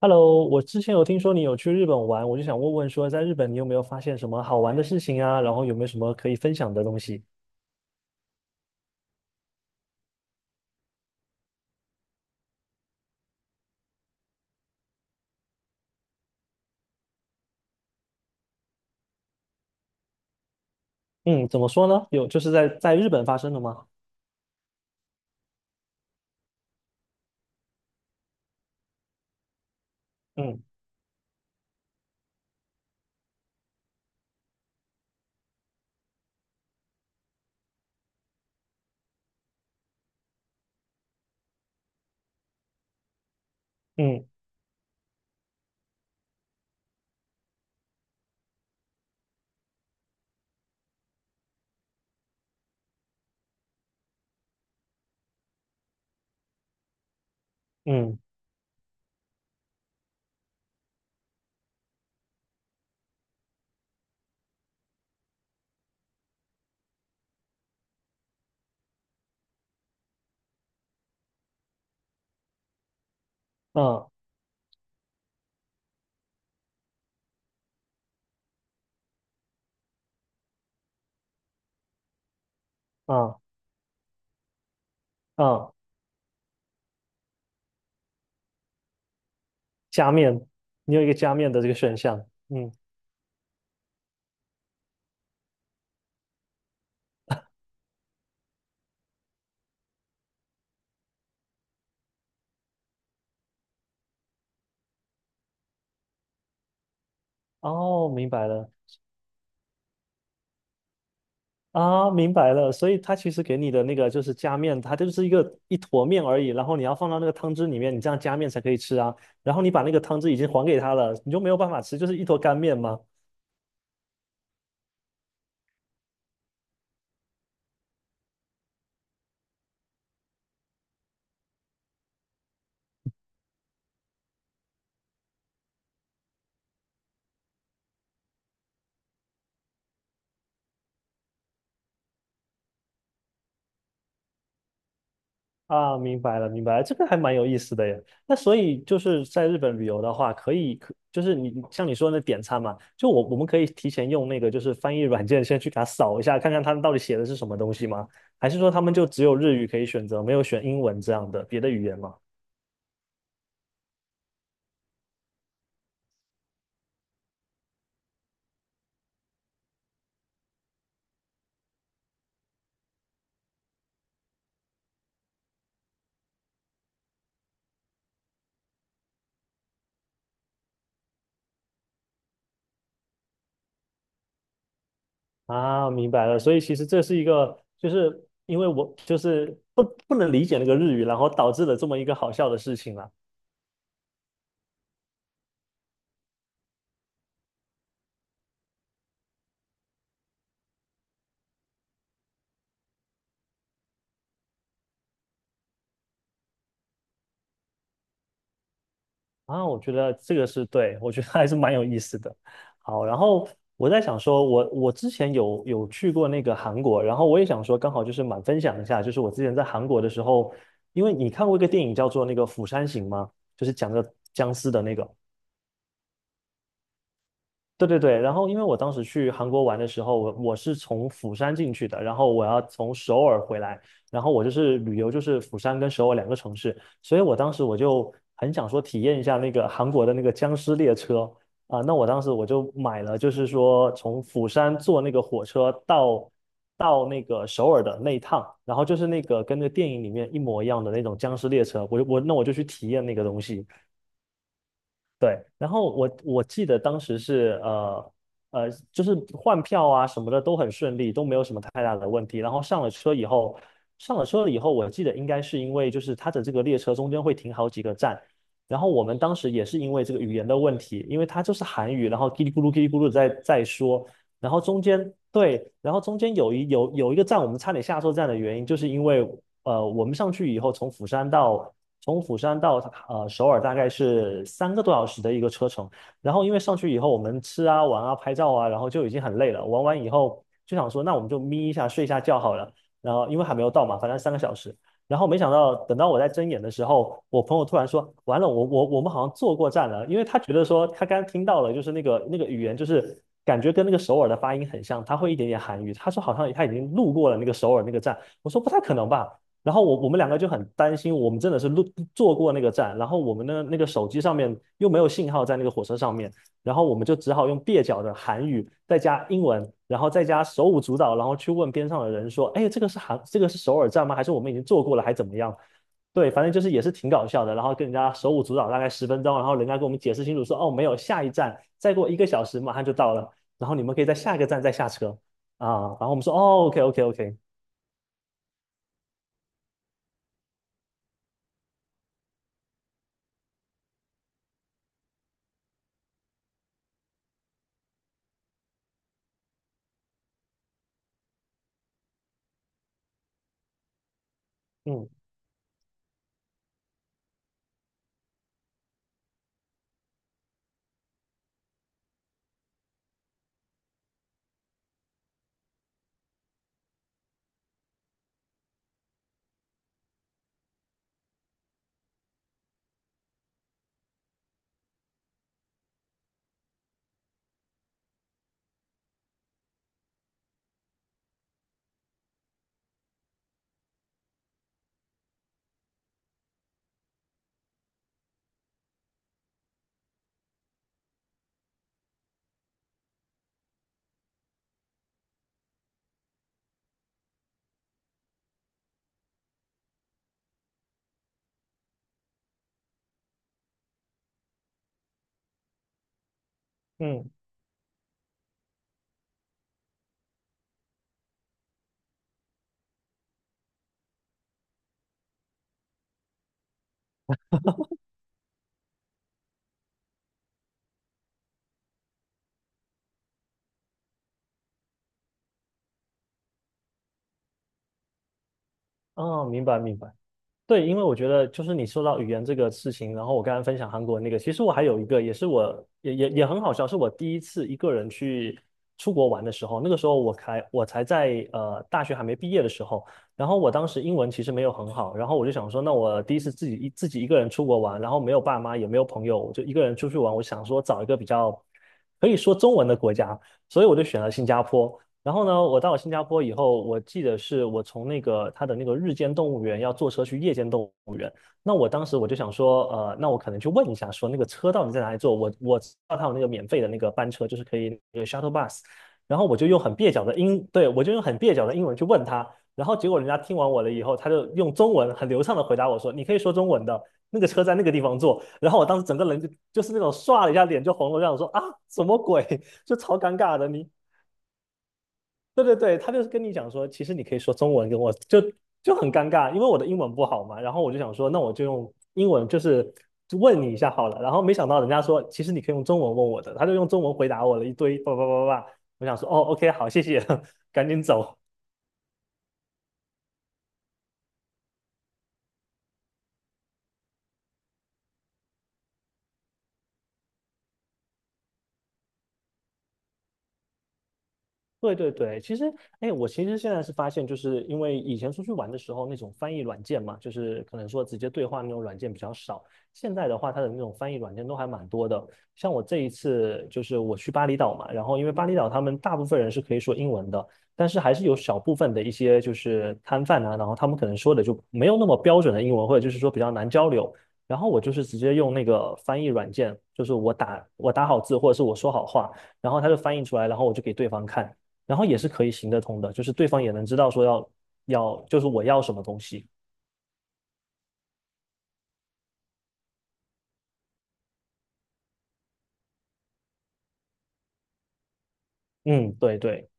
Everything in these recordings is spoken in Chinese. Hello，我之前有听说你有去日本玩，我就想问问说，在日本你有没有发现什么好玩的事情啊？然后有没有什么可以分享的东西？嗯，怎么说呢？有，就是在日本发生的吗？嗯嗯嗯嗯嗯嗯，加面，你有一个加面的这个选项。嗯，哦，明白了啊，明白了。所以它其实给你的那个就是加面，它就是一个一坨面而已，然后你要放到那个汤汁里面，你这样加面才可以吃啊。然后你把那个汤汁已经还给他了，你就没有办法吃，就是一坨干面吗？啊，明白了，明白了，这个还蛮有意思的耶。那所以就是在日本旅游的话，可以，可就是你像你说的那点餐嘛，就我们可以提前用那个就是翻译软件先去给他扫一下，看看他们到底写的是什么东西吗？还是说他们就只有日语可以选择，没有选英文这样的别的语言吗？啊，明白了。所以其实这是一个，就是因为我就是不能理解那个日语，然后导致了这么一个好笑的事情啦。啊，我觉得这个是对，我觉得还是蛮有意思的。好，然后我在想说，我之前有去过那个韩国，然后我也想说，刚好就是蛮分享一下，就是我之前在韩国的时候，因为你看过一个电影叫做那个《釜山行》吗？就是讲的僵尸的那个。对对对，然后因为我当时去韩国玩的时候，我是从釜山进去的，然后我要从首尔回来，然后我就是旅游，就是釜山跟首尔两个城市，所以我当时我就很想说体验一下那个韩国的那个僵尸列车啊，那我当时我就买了，就是说从釜山坐那个火车到那个首尔的那一趟，然后就是那个跟那个电影里面一模一样的那种僵尸列车，我就去体验那个东西。对，然后我记得当时是就是换票啊什么的都很顺利，都没有什么太大的问题。然后上了车以后，上了车了以后，我记得应该是因为就是它的这个列车中间会停好几个站，然后我们当时也是因为这个语言的问题，因为它就是韩语，然后叽里咕噜叽里咕噜在说，然后中间对，然后中间有一个站，我们差点下错站的原因，就是因为我们上去以后，从釜山到首尔大概是3个多小时的一个车程，然后因为上去以后，我们吃啊、玩啊、拍照啊，然后就已经很累了，玩完以后就想说，那我们就眯一下、睡一下觉好了，然后因为还没有到嘛，反正3个小时，然后没想到，等到我在睁眼的时候，我朋友突然说：“完了，我们好像坐过站了。”因为他觉得说他刚刚听到了，就是那个语言，就是感觉跟那个首尔的发音很像，他会一点点韩语。他说好像他已经路过了那个首尔那个站。我说不太可能吧。然后我们两个就很担心，我们真的是坐过那个站，然后我们的那个手机上面又没有信号在那个火车上面。然后我们就只好用蹩脚的韩语，再加英文，然后再加手舞足蹈，然后去问边上的人说：“哎，这个是韩，这个是首尔站吗？还是我们已经做过了，还怎么样？”对，反正就是也是挺搞笑的。然后跟人家手舞足蹈大概10分钟，然后人家跟我们解释清楚说：“哦，没有，下一站再过1个小时马上就到了，然后你们可以在下一个站再下车啊。”然后我们说：“哦，OK，OK，OK，嗯嗯，哦，明白明白。”对，因为我觉得就是你说到语言这个事情，然后我刚刚分享韩国那个，其实我还有一个也是我也很好笑，是我第一次一个人去出国玩的时候，那个时候我在大学还没毕业的时候，然后我当时英文其实没有很好，然后我就想说，那我第一次自己一个人出国玩，然后没有爸妈也没有朋友，我就一个人出去玩，我想说找一个比较可以说中文的国家，所以我就选了新加坡。然后呢，我到了新加坡以后，我记得是我从那个他的那个日间动物园要坐车去夜间动物园。那我当时我就想说，那我可能去问一下，说那个车到底在哪里坐？我知道他有那个免费的那个班车，就是可以那个 shuttle bus。然后我就用很蹩脚的英，对，我就用很蹩脚的英文去问他，然后结果人家听完我了以后，他就用中文很流畅的回答我说：“你可以说中文的，那个车在那个地方坐。”然后我当时整个人就就是那种唰了一下脸就红了，这样说啊，什么鬼？就超尴尬的。你对对对，他就是跟你讲说，其实你可以说中文跟我，就就很尴尬，因为我的英文不好嘛。然后我就想说，那我就用英文就是问你一下好了。然后没想到人家说，其实你可以用中文问我的，他就用中文回答我了一堆叭叭叭叭叭。我想说，哦，OK，好，谢谢，赶紧走。对对对，其实，哎，我其实现在是发现，就是因为以前出去玩的时候，那种翻译软件嘛，就是可能说直接对话那种软件比较少。现在的话，它的那种翻译软件都还蛮多的。像我这一次就是我去巴厘岛嘛，然后因为巴厘岛他们大部分人是可以说英文的，但是还是有小部分的一些就是摊贩啊，然后他们可能说的就没有那么标准的英文，或者就是说比较难交流。然后我就是直接用那个翻译软件，就是我打好字或者是我说好话，然后它就翻译出来，然后我就给对方看。然后也是可以行得通的，就是对方也能知道说要，就是我要什么东西。嗯，对对，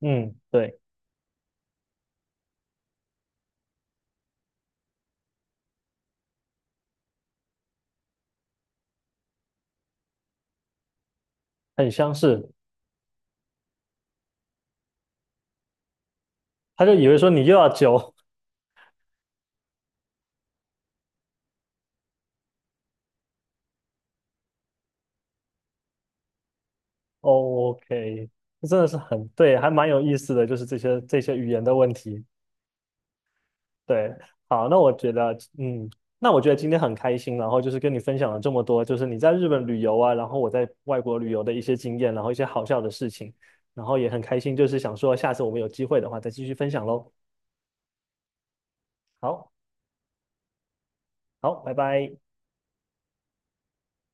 嗯对，很相似。他就以为说你又要酒哦，OK，这真的是很对，还蛮有意思的，就是这些语言的问题。对，好，那我觉得，嗯，那我觉得今天很开心，然后就是跟你分享了这么多，就是你在日本旅游啊，然后我在外国旅游的一些经验，然后一些好笑的事情，然后也很开心，就是想说下次我们有机会的话再继续分享喽。好，好，拜拜。